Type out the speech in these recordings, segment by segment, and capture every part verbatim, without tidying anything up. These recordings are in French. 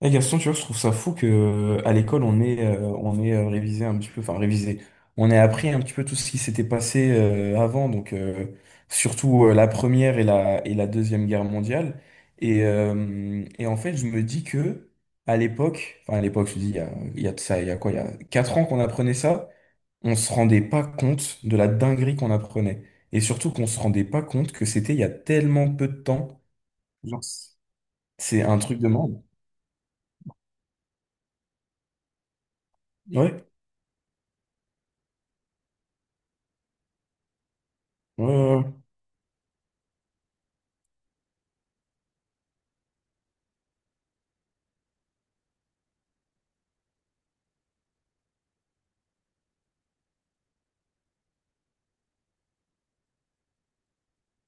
Eh Gaston, tu vois, je trouve ça fou que euh, à l'école on est on est révisé un petit peu, enfin révisé. On est appris un petit peu tout ce qui s'était passé euh, avant, donc euh, surtout euh, la première et la et la deuxième guerre mondiale. Et, euh, et en fait, je me dis que à l'époque, enfin à l'époque, je dis il y a, il y a de ça, il y a quoi, il y a quatre ans qu'on apprenait ça, on se rendait pas compte de la dinguerie qu'on apprenait, et surtout qu'on se rendait pas compte que c'était il y a tellement peu de temps. Genre, c'est un truc de monde. Ouais. Ouais, ouais, ouais.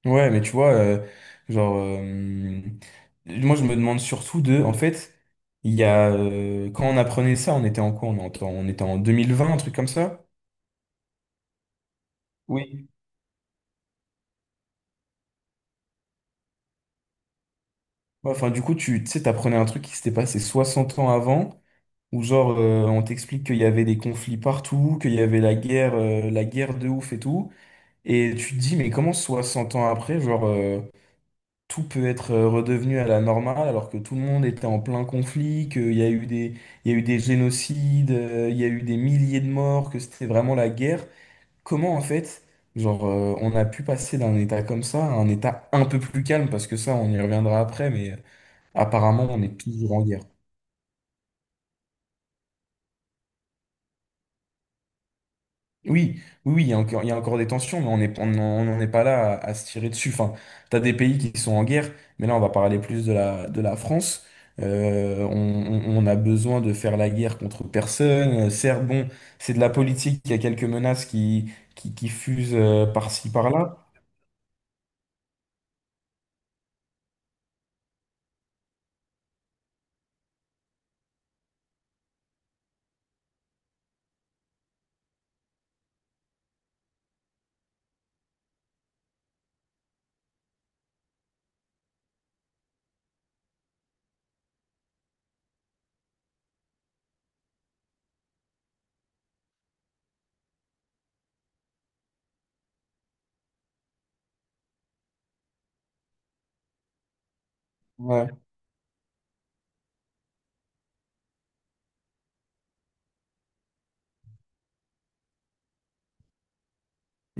Ouais, mais tu vois, euh, genre, euh, moi je me demande surtout de, en fait, il y a, euh, quand on apprenait ça, on était en quoi? On était en, on était en deux mille vingt, un truc comme ça? Oui. Ouais, enfin, du coup, tu tu sais, t'apprenais un truc qui s'était passé soixante ans avant, où genre, euh, on t'explique qu'il y avait des conflits partout, qu'il y avait la guerre, euh, la guerre de ouf et tout. Et tu te dis, mais comment soixante ans après, genre, euh, tout peut être euh, redevenu à la normale alors que tout le monde était en plein conflit, qu'il y a eu des, il y a eu des génocides, euh, il y a eu des milliers de morts, que c'était vraiment la guerre. Comment en fait, genre, euh, on a pu passer d'un état comme ça à un état un peu plus calme, parce que ça, on y reviendra après, mais euh, apparemment, on est toujours en guerre. Oui, oui, oui, il y a encore, il y a encore des tensions, mais on est, on n'en on n'en est pas là à, à se tirer dessus. Enfin, t'as des pays qui sont en guerre, mais là, on va parler plus de la, de la France. Euh, on, on- on a besoin de faire la guerre contre personne. Euh, Certes, bon, c'est de la politique, il y a quelques menaces qui, qui, qui fusent euh, par-ci, par-là. Ouais,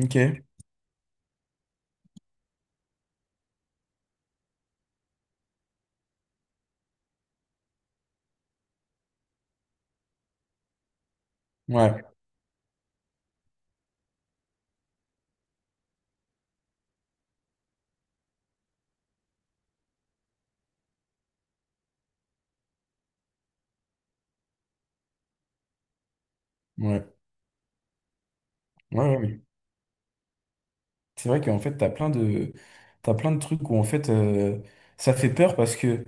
ok, ouais, ouais, ouais, ouais, ouais. C'est vrai qu'en fait, t'as plein de, t'as plein de trucs où, en fait, euh, ça fait peur parce que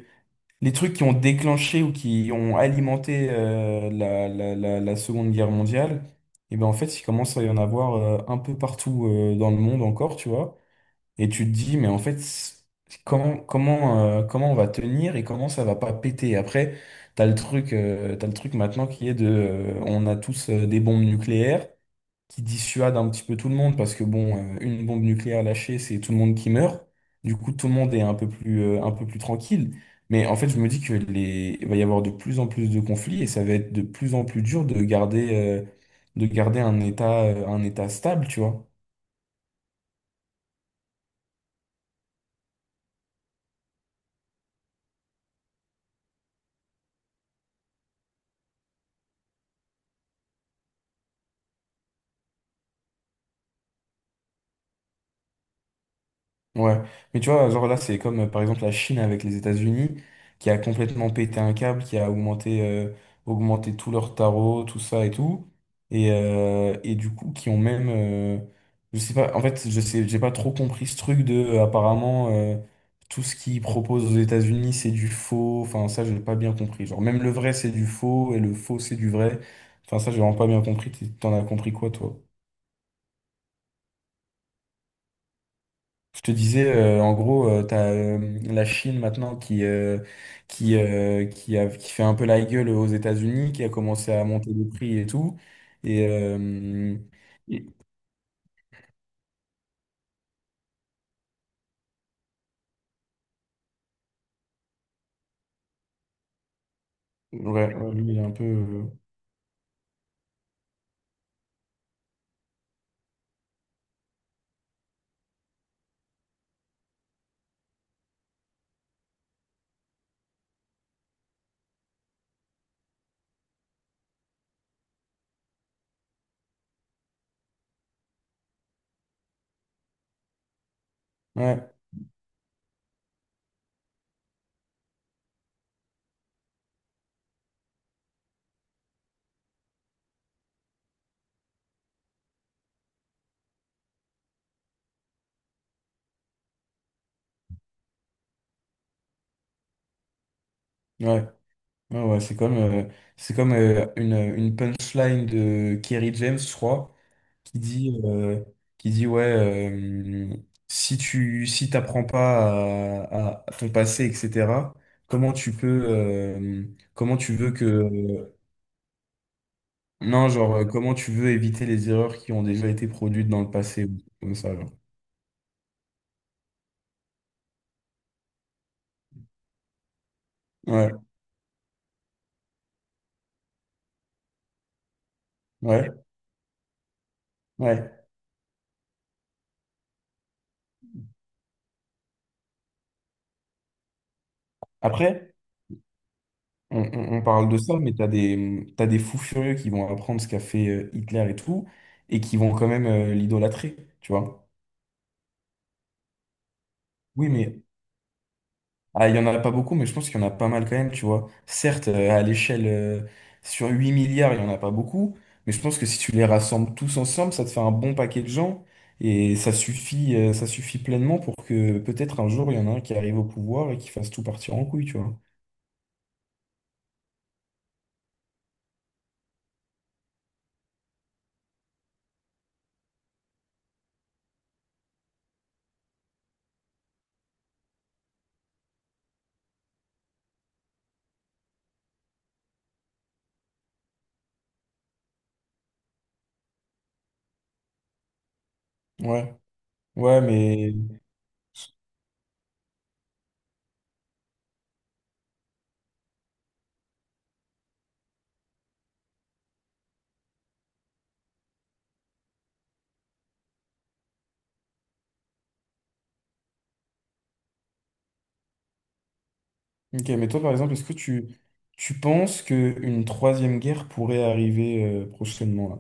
les trucs qui ont déclenché ou qui ont alimenté euh, la, la, la, la Seconde Guerre mondiale, et ben en fait, il commence à y en avoir euh, un peu partout euh, dans le monde encore, tu vois. Et tu te dis, mais en fait, c- comment, comment, euh, comment on va tenir et comment ça va pas péter? Après, t'as le truc, euh, t'as le truc maintenant qui est de, euh, on a tous euh, des bombes nucléaires qui dissuade un petit peu tout le monde parce que bon, euh, une bombe nucléaire lâchée, c'est tout le monde qui meurt. Du coup, tout le monde est un peu plus, euh, un peu plus tranquille. Mais en fait, je me dis que les, il va y avoir de plus en plus de conflits et ça va être de plus en plus dur de garder, euh, de garder un état, euh, un état stable, tu vois. Ouais, mais tu vois, genre là, c'est comme euh, par exemple la Chine avec les États-Unis, qui a complètement pété un câble, qui a augmenté, euh, augmenté tout leur tarot, tout ça et tout. Et, euh, et du coup, qui ont même. Euh, je sais pas, en fait, je sais, j'ai pas trop compris ce truc de. Euh, apparemment, euh, tout ce qu'ils proposent aux États-Unis, c'est du faux. Enfin, ça, j'ai pas bien compris. Genre, même le vrai, c'est du faux, et le faux, c'est du vrai. Enfin, ça, j'ai vraiment pas bien compris. T'en as compris quoi, toi? Je te disais, euh, en gros, tu as la Chine maintenant qui, euh, qui, euh, qui, a, qui fait un peu la gueule aux États-Unis, qui a commencé à monter les prix et tout. Et, euh, et- ouais, ouais, lui, il est un peu. Euh, ouais, ouais, ouais, ouais, c'est comme, euh, c'est comme euh, une, une punchline de Kerry James, je crois. Qui dit, euh, qui dit ouais, euh, si tu si t'apprends pas à, à- à ton passé, et cetera, comment tu peux, euh, comment tu veux que, euh, non, genre, euh, comment tu veux éviter les erreurs qui ont déjà été produites dans le passé, ou comme ça, genre. Ouais, ouais, ouais. Après, on, on- on parle de ça, mais t'as des, t'as des fous furieux qui vont apprendre ce qu'a fait euh, Hitler et tout, et qui vont quand même euh, l'idolâtrer, tu vois. Oui, mais ah, il y en a pas beaucoup, mais je pense qu'il y en a pas mal quand même, tu vois. Certes, euh, à l'échelle, euh, sur huit milliards, il y en a pas beaucoup, mais je pense que si tu les rassembles tous ensemble, ça te fait un bon paquet de gens, et ça suffit, euh, ça suffit pleinement pour que peut-être un jour, il y en a un qui arrive au pouvoir et qui fasse tout partir en couille, tu vois. Ouais, ouais, mais... Ok, mais toi, par exemple, est-ce que tu, tu penses qu'une troisième guerre pourrait arriver, euh, prochainement, là?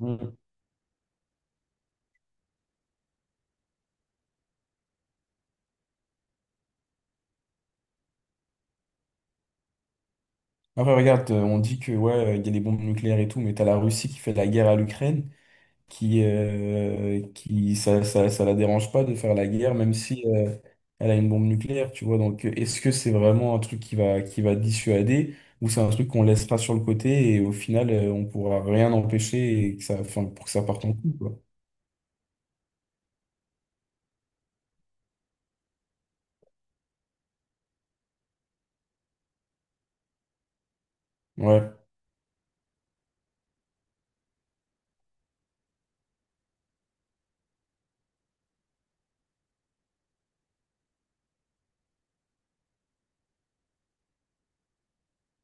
Mm. Après, regarde, euh, on dit que ouais, il y a des bombes nucléaires et tout, mais t'as la Russie qui fait la guerre à l'Ukraine. Qui, euh, qui ça, ça, ça la dérange pas de faire la guerre, même si euh, elle a une bombe nucléaire, tu vois. Donc, euh, est-ce que c'est vraiment un truc qui va, qui va dissuader, ou c'est un truc qu'on laissera sur le côté et au final, euh, on pourra rien empêcher et que ça, enfin, pour que ça parte en couille, quoi. Ouais,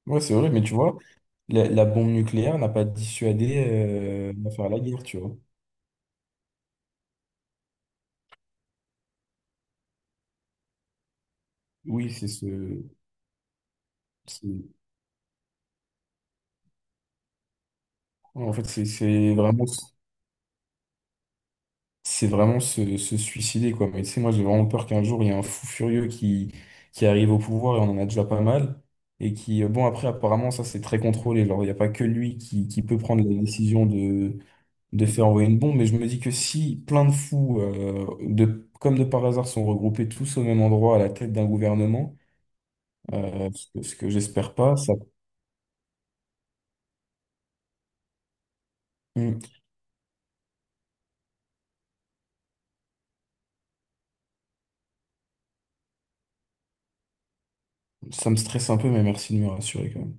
ouais, c'est vrai, mais tu vois, la, la bombe nucléaire n'a pas dissuadé euh, à faire la guerre, tu vois. Oui, c'est ce. c'est- En fait, c'est c'est vraiment. C'est vraiment se, se suicider, quoi. Mais tu sais, moi, j'ai vraiment peur qu'un jour, il y ait un fou furieux qui, qui, arrive au pouvoir, et on en a déjà pas mal, et qui, euh, bon, après, apparemment, ça, c'est très contrôlé. Alors, il n'y a pas que lui qui, qui, peut prendre la décision de, de faire envoyer une bombe, mais je me dis que si plein de fous, euh, de, comme de par hasard, sont regroupés tous au même endroit à la tête d'un gouvernement, euh, ce que, ce que j'espère pas, ça, Mm. Ça me stresse un peu, mais merci de me rassurer, quand même.